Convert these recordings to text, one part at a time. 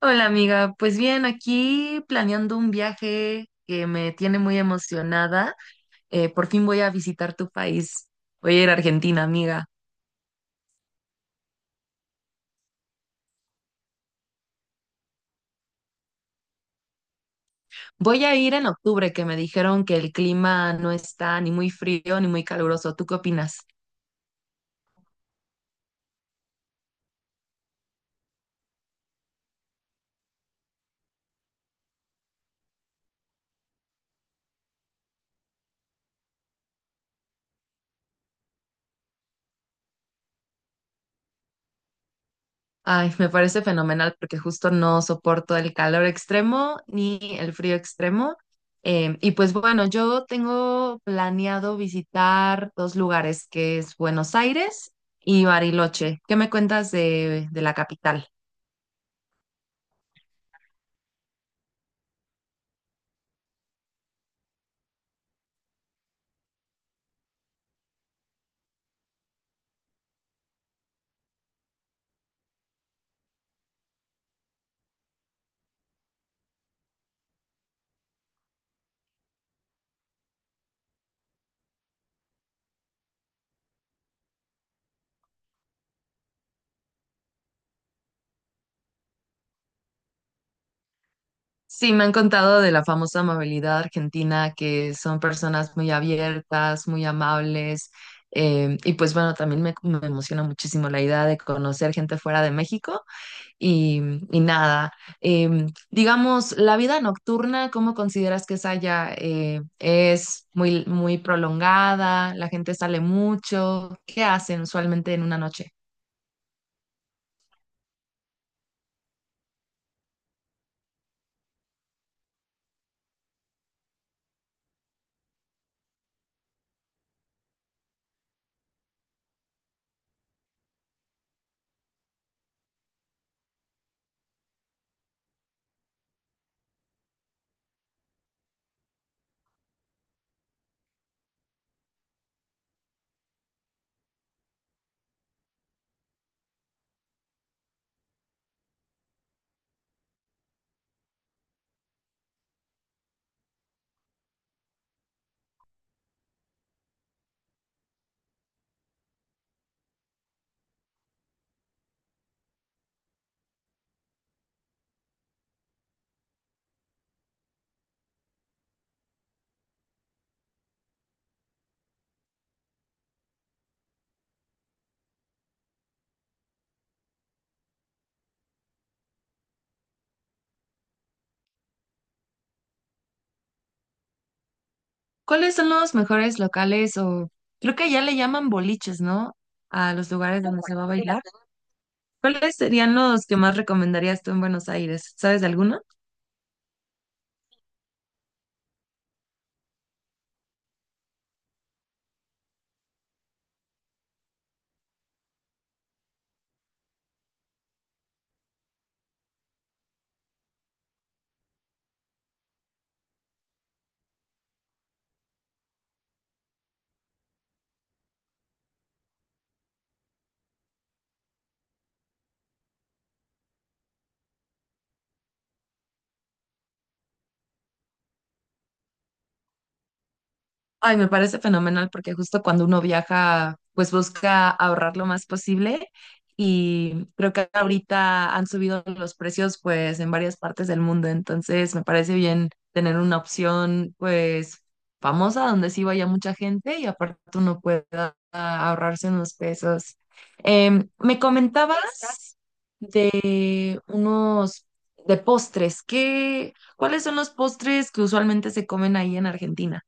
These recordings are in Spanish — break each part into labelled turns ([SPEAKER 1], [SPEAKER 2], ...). [SPEAKER 1] Hola amiga, pues bien, aquí planeando un viaje que me tiene muy emocionada. Por fin voy a visitar tu país. Voy a ir a Argentina, amiga. Voy a ir en octubre, que me dijeron que el clima no está ni muy frío ni muy caluroso. ¿Tú qué opinas? Ay, me parece fenomenal porque justo no soporto el calor extremo ni el frío extremo. Y pues bueno, yo tengo planeado visitar dos lugares, que es Buenos Aires y Bariloche. ¿Qué me cuentas de la capital? Sí, me han contado de la famosa amabilidad argentina, que son personas muy abiertas, muy amables. Y pues bueno, también me emociona muchísimo la idea de conocer gente fuera de México. y, y nada. Digamos, la vida nocturna, ¿cómo consideras que es allá? ¿Es muy prolongada? ¿La gente sale mucho? ¿Qué hacen usualmente en una noche? ¿Cuáles son los mejores locales o creo que allá le llaman boliches, ¿no? A los lugares donde se va a bailar. ¿Cuáles serían los que más recomendarías tú en Buenos Aires? ¿Sabes de alguno? Ay, me parece fenomenal porque justo cuando uno viaja, pues busca ahorrar lo más posible y creo que ahorita han subido los precios pues en varias partes del mundo, entonces me parece bien tener una opción pues famosa donde sí vaya mucha gente y aparte uno pueda ahorrarse unos pesos. Me comentabas de unos de postres, ¿qué, cuáles son los postres que usualmente se comen ahí en Argentina?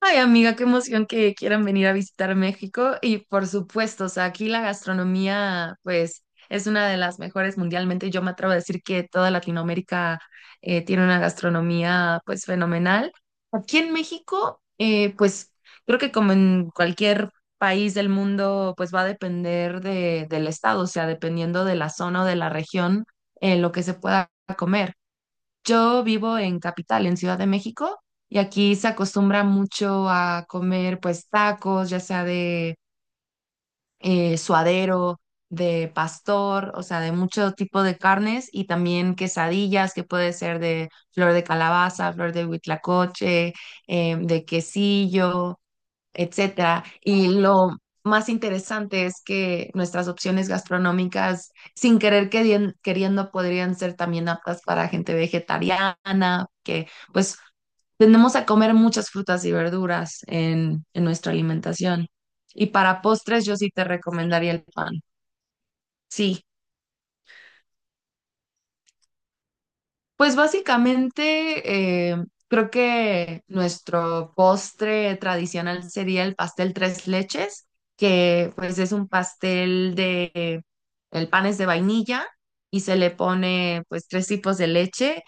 [SPEAKER 1] Ay, amiga, qué emoción que quieran venir a visitar México. Y por supuesto, o sea, aquí la gastronomía, pues, es una de las mejores mundialmente. Yo me atrevo a decir que toda Latinoamérica tiene una gastronomía, pues, fenomenal. Aquí en México, pues, creo que como en cualquier país del mundo, pues, va a depender del estado, o sea, dependiendo de la zona o de la región, lo que se pueda comer. Yo vivo en Capital, en Ciudad de México, y aquí se acostumbra mucho a comer pues tacos, ya sea de suadero, de pastor, o sea, de mucho tipo de carnes y también quesadillas, que puede ser de flor de calabaza, flor de huitlacoche, de quesillo, etcétera. Y lo más interesante es que nuestras opciones gastronómicas, sin queriendo, podrían ser también aptas para gente vegetariana, que pues tendemos a comer muchas frutas y verduras en nuestra alimentación. Y para postres yo sí te recomendaría el pan. Sí. Pues básicamente creo que nuestro postre tradicional sería el pastel tres leches, que pues es un el pan es de vainilla y se le pone pues tres tipos de leche,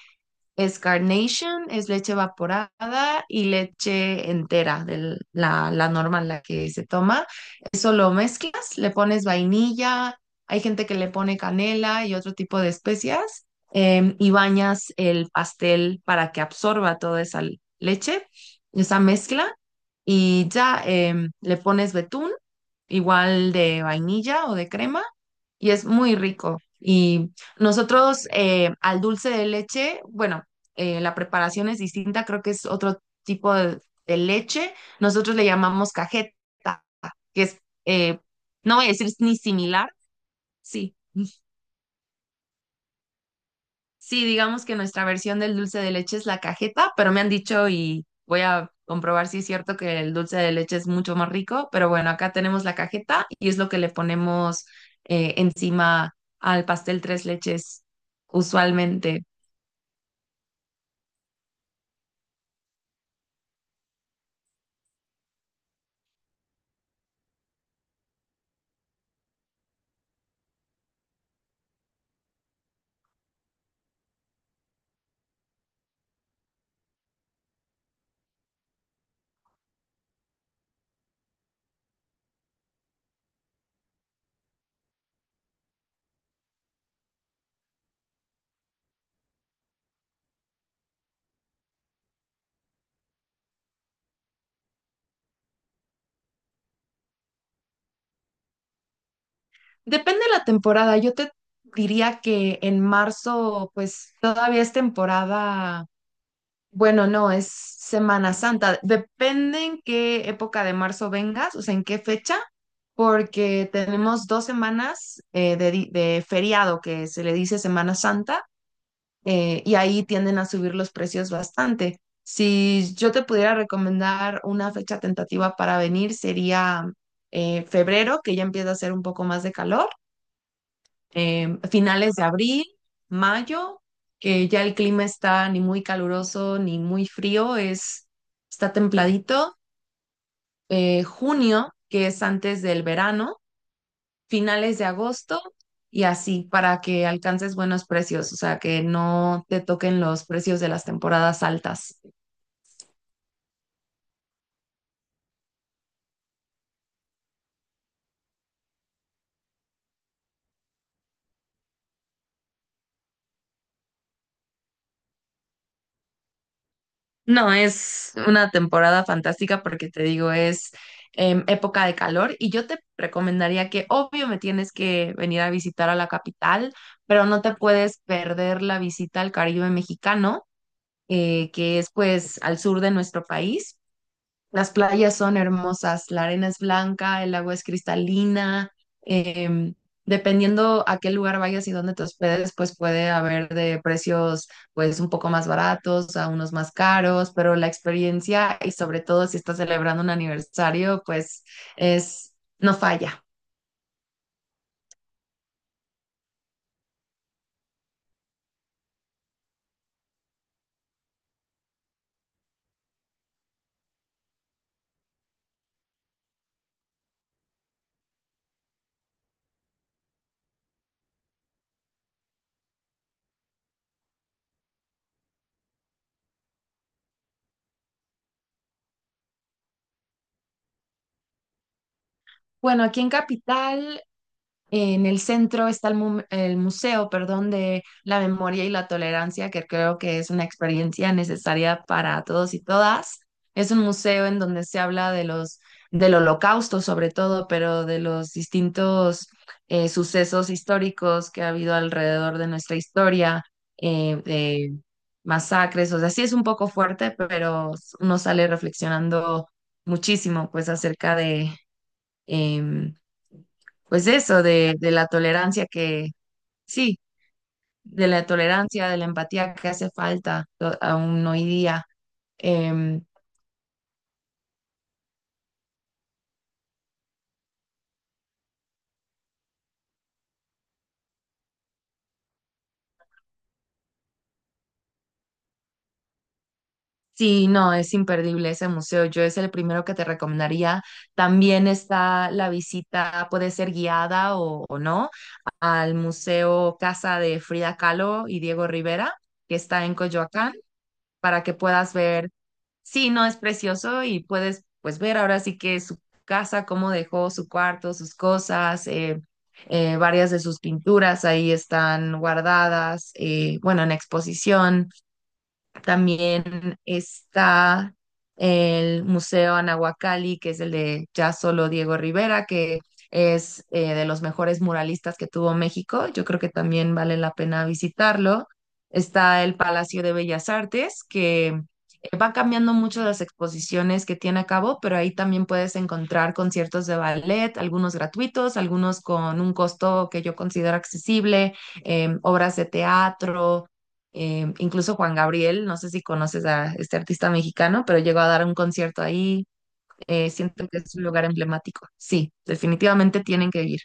[SPEAKER 1] es carnation, es leche evaporada y leche entera, de la normal, la que se toma. Eso lo mezclas, le pones vainilla, hay gente que le pone canela y otro tipo de especias, y bañas el pastel para que absorba toda esa leche, esa mezcla, y ya le pones betún, igual de vainilla o de crema y es muy rico. Y nosotros al dulce de leche, bueno, la preparación es distinta, creo que es otro tipo de, de leche. Nosotros le llamamos cajeta, que es, eh, no voy a decir ni similar, sí. Sí, digamos que nuestra versión del dulce de leche es la cajeta, pero me han dicho y voy a comprobar si es cierto que el dulce de leche es mucho más rico, pero bueno, acá tenemos la cajeta y es lo que le ponemos encima al pastel tres leches usualmente. Depende de la temporada, yo te diría que en marzo pues todavía es temporada. Bueno, no, es Semana Santa. Depende en qué época de marzo vengas, o sea, en qué fecha, porque tenemos dos semanas de feriado que se le dice Semana Santa, y ahí tienden a subir los precios bastante. Si yo te pudiera recomendar una fecha tentativa para venir, sería febrero, que ya empieza a hacer un poco más de calor, finales de abril, mayo, que ya el clima está ni muy caluroso ni muy frío, es, está templadito. Junio, que es antes del verano, finales de agosto y así para que alcances buenos precios, o sea, que no te toquen los precios de las temporadas altas. No, es una temporada fantástica porque te digo, es época de calor y yo te recomendaría que obvio me tienes que venir a visitar a la capital, pero no te puedes perder la visita al Caribe mexicano, que es pues al sur de nuestro país. Las playas son hermosas, la arena es blanca, el agua es cristalina. em, Dependiendo a qué lugar vayas y dónde te hospedes, pues puede haber de precios pues un poco más baratos a unos más caros, pero la experiencia y sobre todo si estás celebrando un aniversario, pues es no falla. Bueno, aquí en Capital, en el centro está el el museo, perdón, de la memoria y la tolerancia, que creo que es una experiencia necesaria para todos y todas. Es un museo en donde se habla de los del Holocausto, sobre todo, pero de los distintos sucesos históricos que ha habido alrededor de nuestra historia, de masacres, o sea, sí es un poco fuerte, pero uno sale reflexionando muchísimo, pues, em, pues eso, de la tolerancia que, sí, de la tolerancia, de la empatía que hace falta aún hoy día. Em, sí, no, es imperdible ese museo. Yo es el primero que te recomendaría. También está la visita, puede ser guiada o no, al Museo Casa de Frida Kahlo y Diego Rivera, que está en Coyoacán, para que puedas ver. Sí, no, es precioso y puedes pues ver ahora sí que su casa, cómo dejó su cuarto, sus cosas, varias de sus pinturas ahí están guardadas, bueno, en exposición. También está el Museo Anahuacalli, que es el de ya solo Diego Rivera, que es de los mejores muralistas que tuvo México. Yo creo que también vale la pena visitarlo. Está el Palacio de Bellas Artes, que va cambiando mucho las exposiciones que tiene a cabo, pero ahí también puedes encontrar conciertos de ballet, algunos gratuitos, algunos con un costo que yo considero accesible, obras de teatro, incluso Juan Gabriel, no sé si conoces a este artista mexicano, pero llegó a dar un concierto ahí. Siento que es un lugar emblemático. Sí, definitivamente tienen que ir.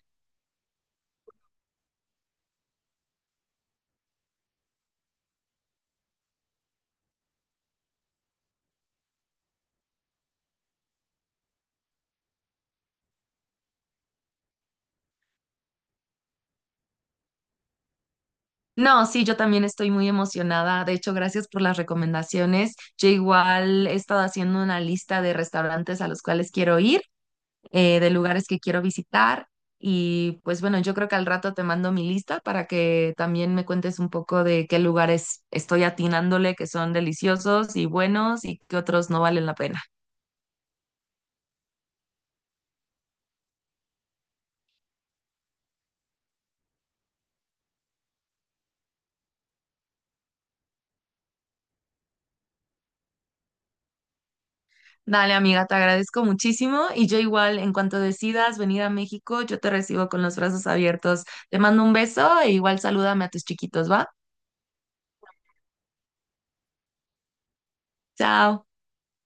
[SPEAKER 1] No, sí, yo también estoy muy emocionada. De hecho, gracias por las recomendaciones. Yo igual he estado haciendo una lista de restaurantes a los cuales quiero ir, de lugares que quiero visitar. Y pues bueno, yo creo que al rato te mando mi lista para que también me cuentes un poco de qué lugares estoy atinándole que son deliciosos y buenos y qué otros no valen la pena. Dale, amiga, te agradezco muchísimo y yo igual, en cuanto decidas venir a México, yo te recibo con los brazos abiertos. Te mando un beso e igual salúdame a tus chiquitos, ¿va? Chao.